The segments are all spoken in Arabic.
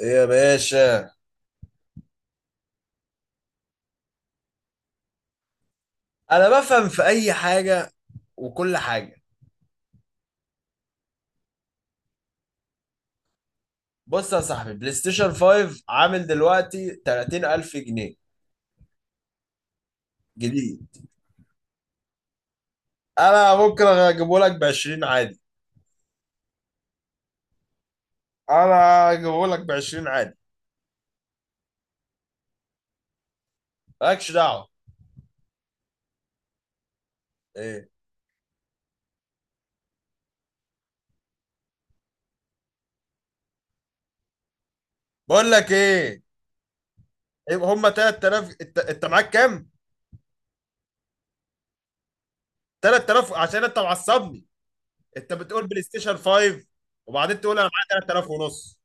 ايه يا باشا. انا بفهم في اي حاجه وكل حاجه. بص يا صاحبي، بلاي ستيشن 5 عامل دلوقتي 30000 جنيه جديد. انا ممكن اجيبه لك ب 20 عادي. انا اجيبه لك ب 20 عادي. مالكش دعوه. ايه؟ بقول لك ايه. إيه؟ هما 3000، انت معاك كام؟ 3000 عشان انت معصبني. انت بتقول بلاي ستيشن 5 وبعدين تقول انا معايا 3000 ونص.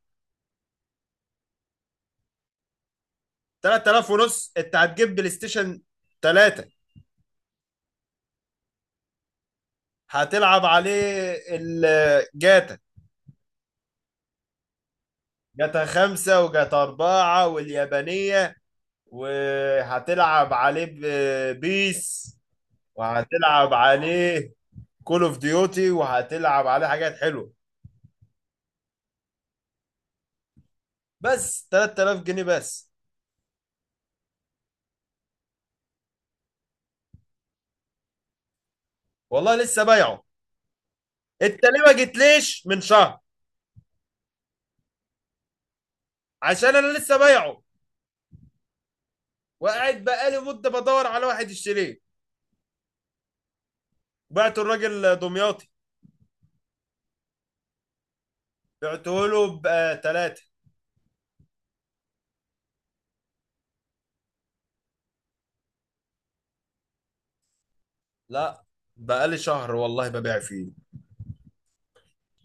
3000 ونص انت هتجيب بلاي ستيشن 3؟ هتلعب عليه الجاتا، جاتا خمسة وجاتا أربعة واليابانية. وهتلعب عليه بيس، وهتلعب عليه كول اوف ديوتي، وهتلعب عليه حاجات حلوة. بس 3000 جنيه بس. والله لسه بايعه. انت ليه ما جيتليش من شهر؟ عشان انا لسه بايعه وقاعد بقالي مدة بدور على واحد يشتريه. بعته الراجل دمياطي. بعته له ب 3. لا. بقالي شهر والله ببيع فيه.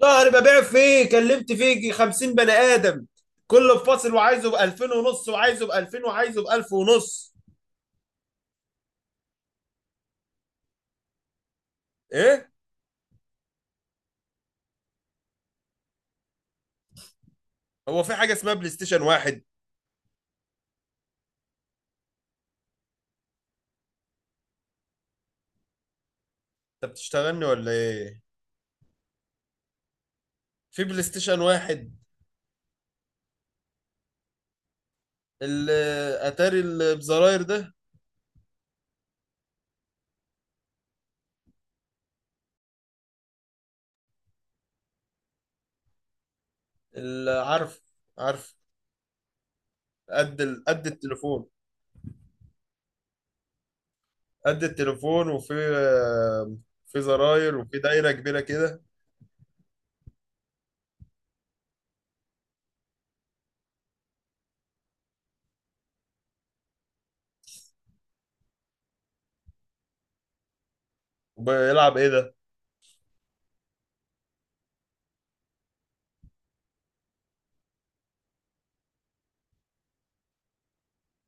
شهر ببيع فيه، كلمت فيه 50 بني ادم، كله بفاصل وعايزه ب 2000 ونص، وعايزه ب 2000، وعايزه ب 1000 ونص. ايه؟ هو في حاجه اسمها بلاي ستيشن واحد؟ انت بتشتغلني ولا ايه؟ في بلاي ستيشن واحد. الاتاري اللي بزراير ده. اللي عارف، عارف. قد قد التليفون. قد التليفون وفي زراير وفي دايره كبيره كده. وبيلعب ايه ده؟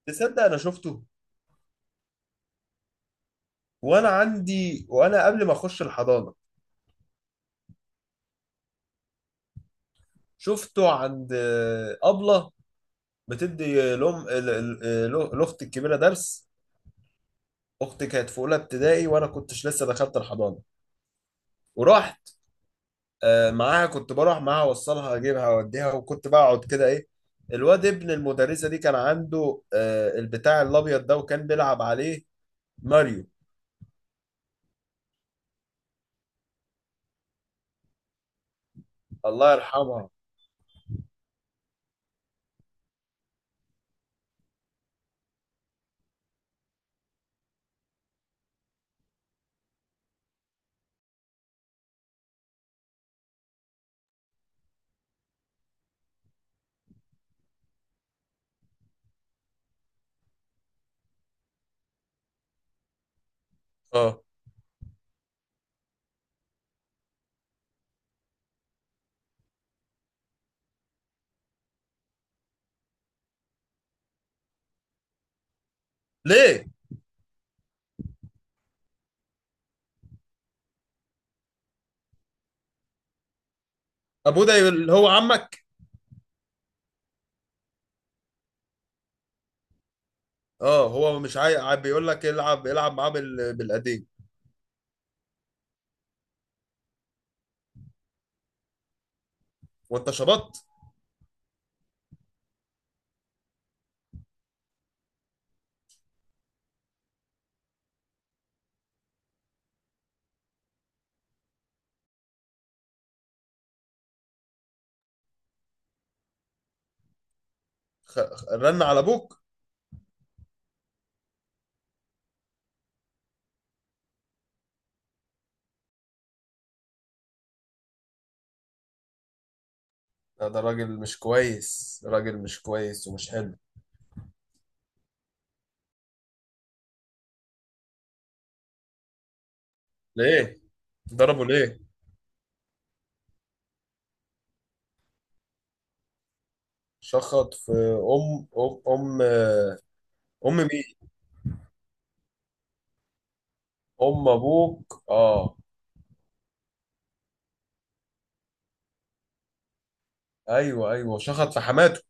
تصدق انا شفته وانا عندي، وانا قبل ما اخش الحضانه شفته عند أبلة بتدي، لأم، لأختي الكبيرة درس. أختي كانت في أولى ابتدائي وأنا كنتش لسه دخلت الحضانة. ورحت معاها، كنت بروح معاها أوصلها أجيبها أوديها، وكنت بقعد كده، إيه. الواد ابن المدرسة دي كان عنده البتاع الأبيض ده وكان بيلعب عليه ماريو. الله يرحمها. اه. ليه؟ أبوه ده اللي هو عمك؟ اه، هو مش عايق، بيقول لك العب العب معاه بالقديم. وانت شبطت؟ رن على ابوك. لا، ده راجل مش كويس، راجل مش كويس ومش حلو. ليه؟ ضربه ليه؟ شخط في ام. ام مين؟ ام ابوك، اه. ايوه، ايوه، شخط في حماته.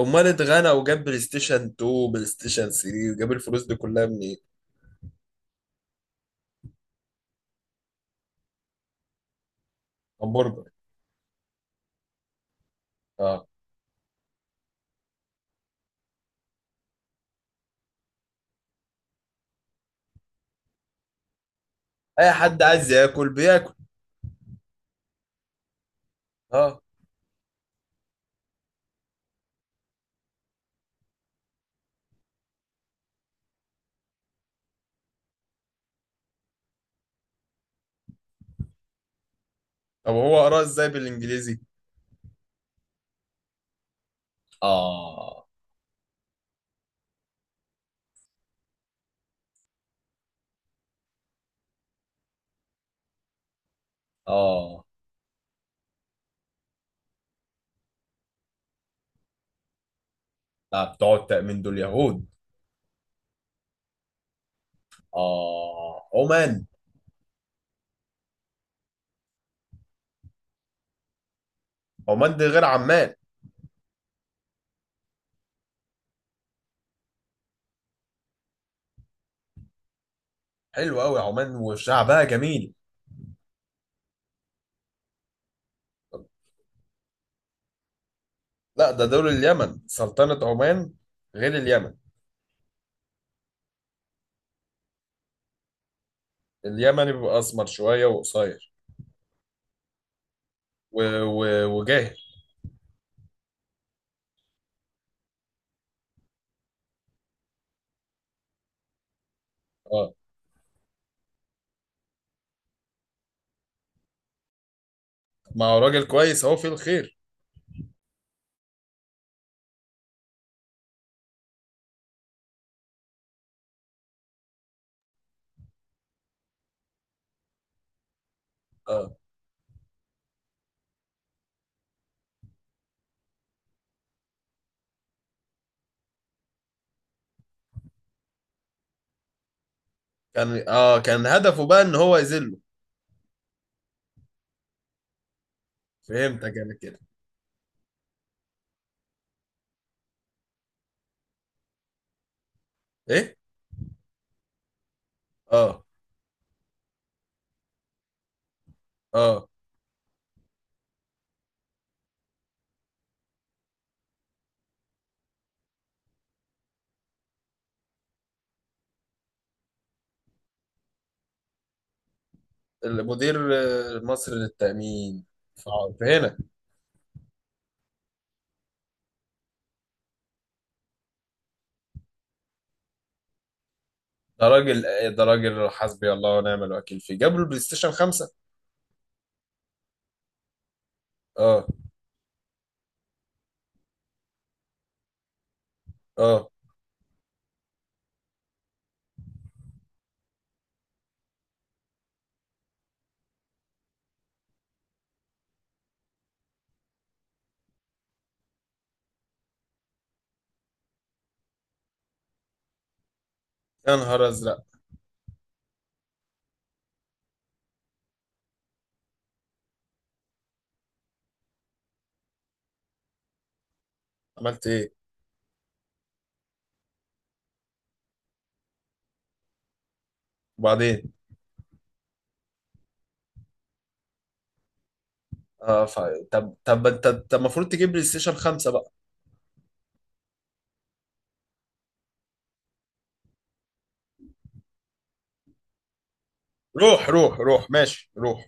امال اتغنى وجاب بلاي ستيشن 2، بلاي ستيشن 3، وجاب الفلوس دي كلها منين؟ همبرجر. اه. اي حد عايز ياكل بياكل. اه. طب هو قراه ازاي بالانجليزي؟ اه. اه. لا، بتوع التأمين دول يهود. اه، عمان. عمان دي غير عمان. حلو قوي، عمان وشعبها جميل. لا، ده دول اليمن، سلطنة عمان غير اليمن. اليمن بيبقى اسمر شوية وقصير وجاهل. اه. ما هو راجل كويس، هو في الخير. اه. كان هدفه بقى ان هو يذله. فهمتك انا كده. ايه. اه. اه. المدير، مصر للتأمين. ف- فهنا. ده راجل، ده راجل حسبي الله ونعم الوكيل، فيه جاب له البلاي ستيشن 5. اه. اه. يا نهار ازرق. عملت ايه؟ وبعدين؟ اه، طب، انت، طب، المفروض تجيب بلاي ستيشن 5 بقى. روح روح روح، ماشي، روح.